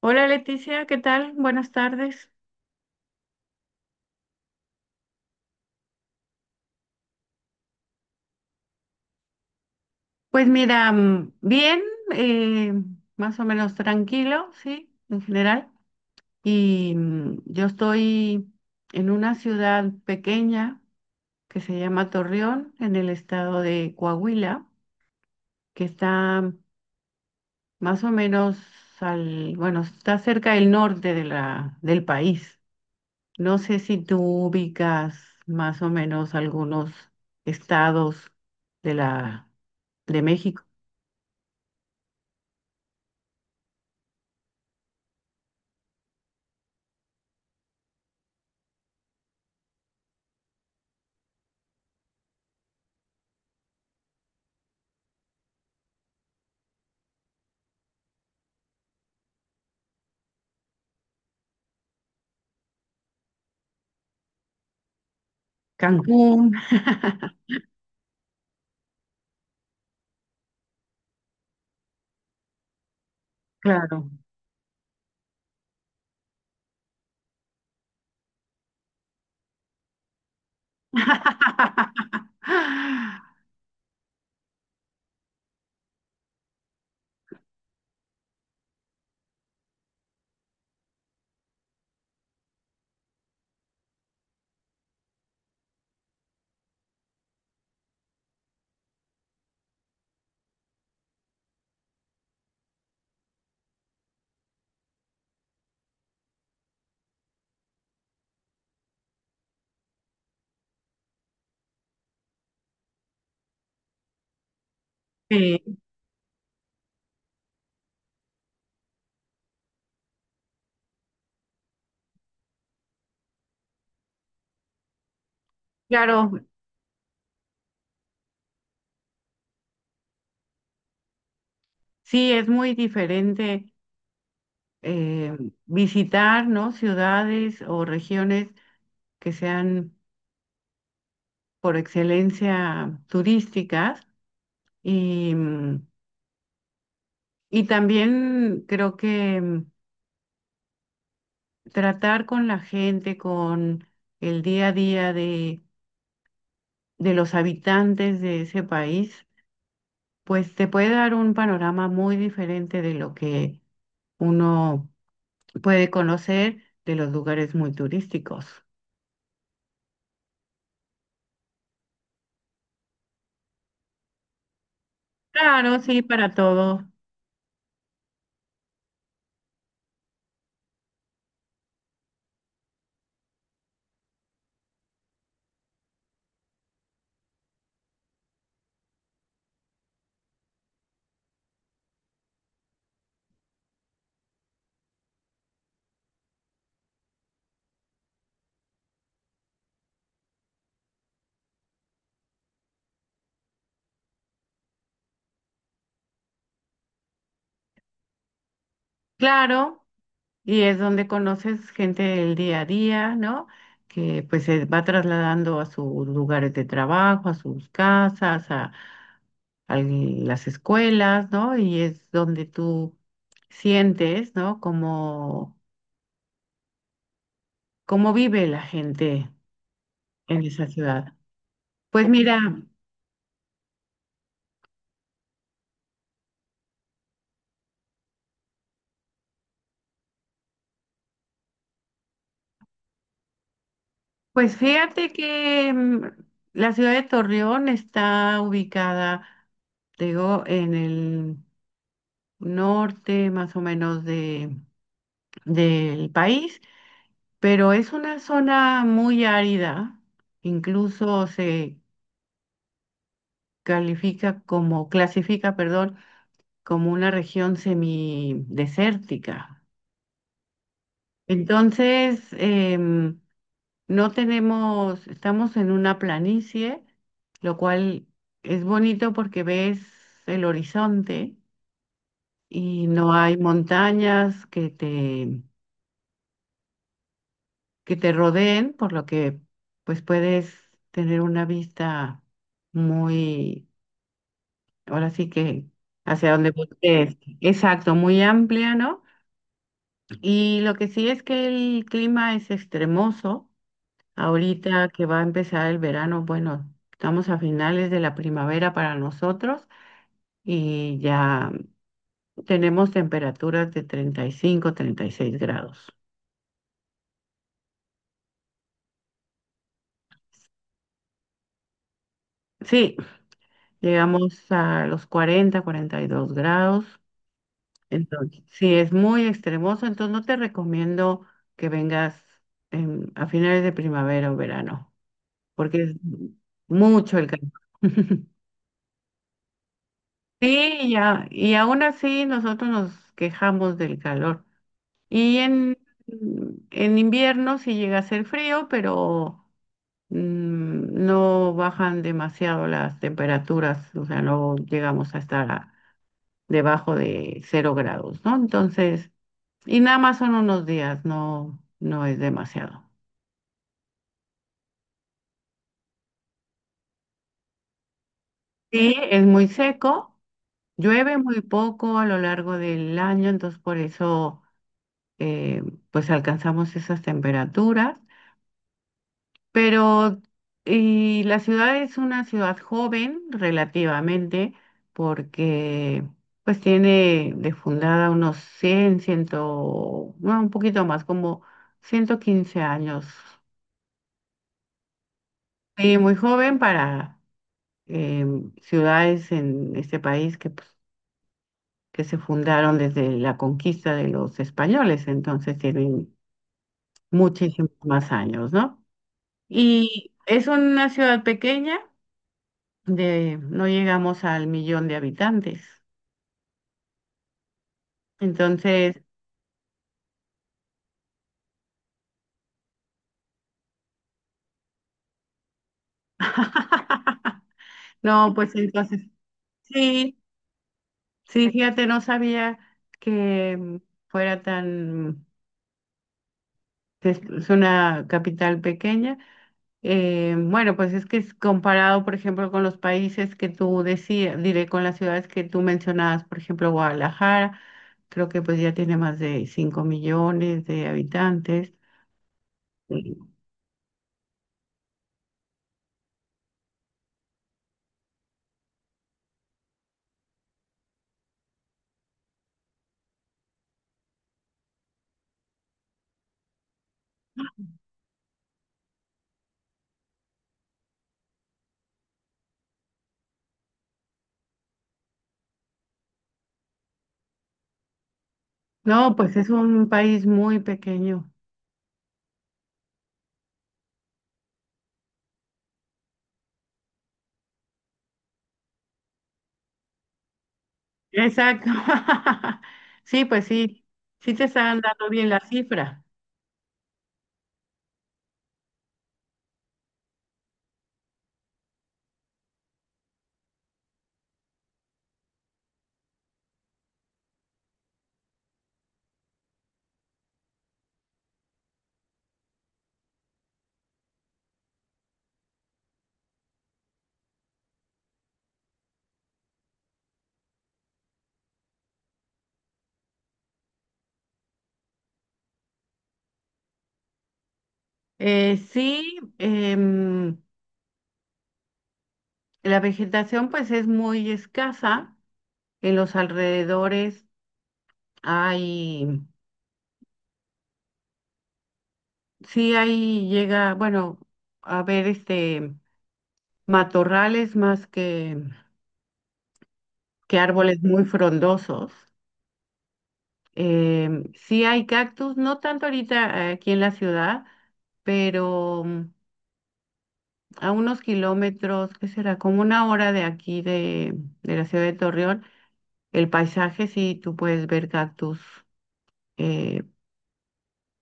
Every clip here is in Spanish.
Hola Leticia, ¿qué tal? Buenas tardes. Pues mira, bien, eh, más o menos tranquilo, sí, en general. Y yo estoy en una ciudad pequeña que se llama Torreón, en el estado de Coahuila, que está más o menos al, bueno, está cerca del norte del país. No sé si tú ubicas más o menos algunos estados de la de México. Cancún, claro. Eh, claro, sí, es muy diferente eh, visitar, ¿no? Ciudades o regiones que sean por excelencia turísticas y, y también creo que tratar con la gente, con el día a día de los habitantes de ese país pues te puede dar un panorama muy diferente de lo que uno puede conocer de los lugares muy turísticos. Claro, sí, para todo. Claro, y es donde conoces gente del día a día, ¿no? Que pues se va trasladando a sus lugares de trabajo, a sus casas, a las escuelas, ¿no? Y es donde tú sientes, ¿no? Cómo, cómo vive la gente en esa ciudad. Pues mira. Pues fíjate que la ciudad de Torreón está ubicada, te digo, en el norte más o menos del país, pero es una zona muy árida, incluso se califica como, clasifica, perdón, como una región semidesértica. Entonces, no tenemos, estamos en una planicie, lo cual es bonito porque ves el horizonte y no hay montañas que te rodeen, por lo que pues puedes tener una vista muy, ahora sí que hacia donde voltees. Exacto, muy amplia, ¿no? Y lo que sí es que el clima es extremoso. Ahorita que va a empezar el verano, bueno, estamos a finales de la primavera para nosotros y ya tenemos temperaturas de 30 35, 36 grados. Sí, llegamos a los 40, 42 grados. Entonces, sí, es muy extremoso, entonces no te recomiendo que vengas en- a finales de primavera o verano, porque es mucho el calor. Sí, ya, y aún así nosotros nos quejamos del calor. Y en invierno sí llega a ser frío, pero no bajan demasiado las temperaturas, o sea, no llegamos a estar a- debajo de 0 grados, ¿no? Entonces, y nada más son unos días, no, no es demasiado. Sí, es muy seco, llueve muy poco a lo largo del año, entonces por eso eh, pues alcanzamos esas temperaturas. Pero y la ciudad es una ciudad joven relativamente porque pues tiene de fundada unos 100 100, no, un poquito más, como 115 años. Sí, muy joven para ciudades en este país que, pues, que se fundaron desde la conquista de los españoles, entonces tienen muchísimos más años, ¿no? Y es una ciudad pequeña de, no llegamos al millón de habitantes. Entonces, no, pues entonces, sí, sí, fíjate, no sabía que fuera tan, que es una capital pequeña. Bueno, pues es que es comparado, por ejemplo, con los países que tú decías, diré con las ciudades que tú mencionabas, por ejemplo, Guadalajara, creo que pues ya tiene más de 5 millones de habitantes. Sí. No, pues es un país muy pequeño. Exacto. Sí, pues sí, sí te están dando bien la cifra. Sí, la vegetación pues es muy escasa. En los alrededores hay, sí hay, llega, bueno, a ver, este, matorrales más que árboles muy frondosos. Sí hay cactus, no tanto ahorita aquí en la ciudad, pero... a unos kilómetros, ¿qué será? Como una hora de aquí de la ciudad de Torreón. El paisaje, sí, tú puedes ver cactus eh,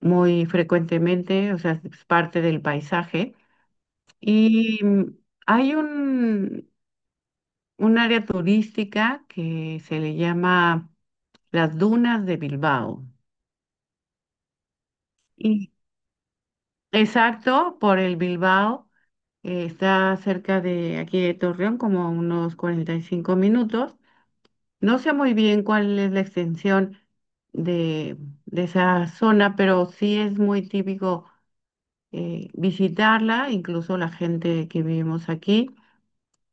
muy frecuentemente, o sea, es parte del paisaje. Y hay un área turística que se le llama las dunas de Bilbao. Y exacto, por el Bilbao, está cerca de aquí de Torreón, como a unos 45 minutos. No sé muy bien cuál es la extensión de, de esa zona, pero sí es muy típico visitarla, incluso la gente que vivimos aquí,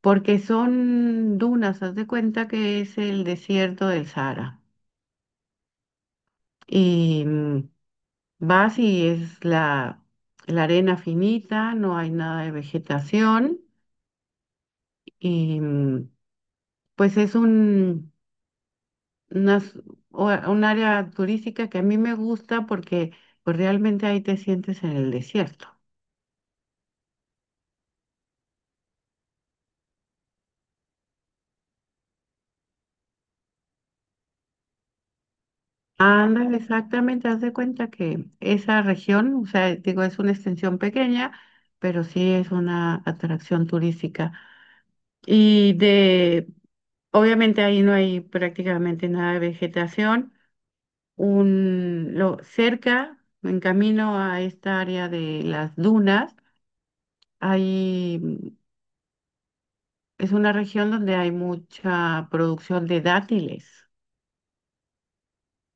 porque son dunas, haz de cuenta que es el desierto del Sahara. Y vas y es la arena finita, no hay nada de vegetación, y pues es un unas- o- un área turística que a mí me gusta porque pues realmente ahí te sientes en el desierto. Ándale, exactamente, haz de cuenta que esa región, o sea, digo, es una extensión pequeña, pero sí es una atracción turística. Y de, obviamente ahí no hay prácticamente nada de vegetación. Un, lo, cerca, en camino a esta área de las dunas, hay es una región donde hay mucha producción de dátiles.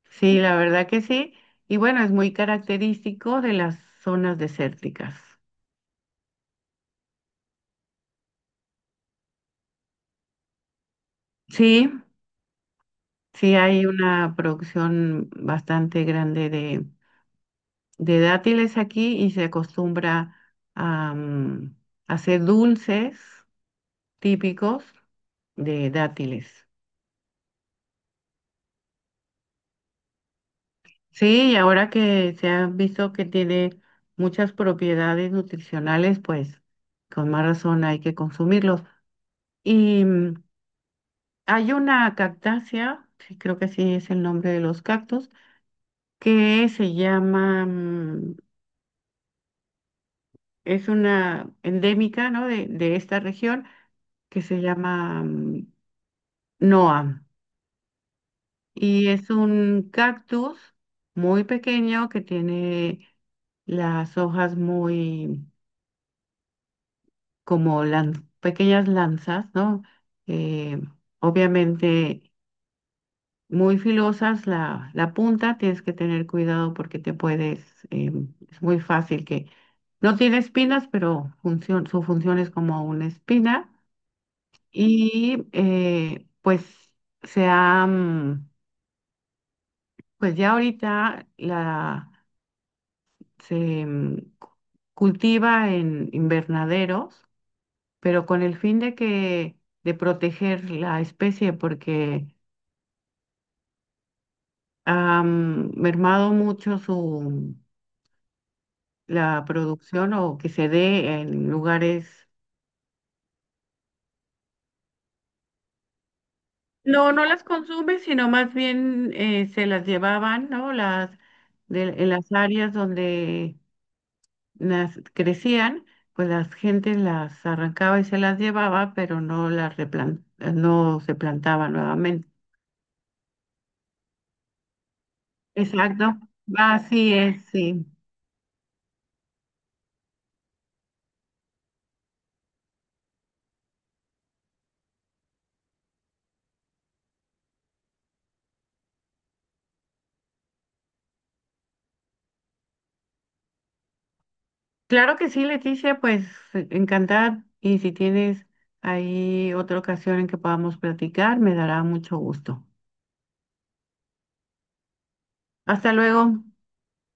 Sí, la verdad que sí. Y bueno, es muy característico de las zonas desérticas. Sí, sí hay una producción bastante grande de dátiles aquí y se acostumbra a hacer dulces típicos de dátiles. Sí, y ahora que se ha visto que tiene muchas propiedades nutricionales, pues con más razón hay que consumirlos. Y hay una cactácea, sí, creo que sí es el nombre de los cactus, que se llama, es una endémica, ¿no? De esta región que se llama Noam. Y es un cactus muy pequeño que tiene las hojas muy como lan- pequeñas lanzas, ¿no? Eh, Obviamente muy filosas, la punta tienes que tener cuidado porque te puedes, es muy fácil que no tiene espinas, pero función, su función es como una espina y pues se ha, pues ya ahorita la, se cu- cultiva en invernaderos pero con el fin de que de proteger la especie porque han mermado mucho su la producción o que se dé en lugares no las consume sino más bien se las llevaban no las de- en las áreas donde nas- crecían pues la gente las arrancaba y se las llevaba pero no las replan- no se plantaba nuevamente exacto así es sí. Claro que sí, Leticia, pues encantada. Y si tienes ahí otra ocasión en que podamos platicar, me dará mucho gusto. Hasta luego.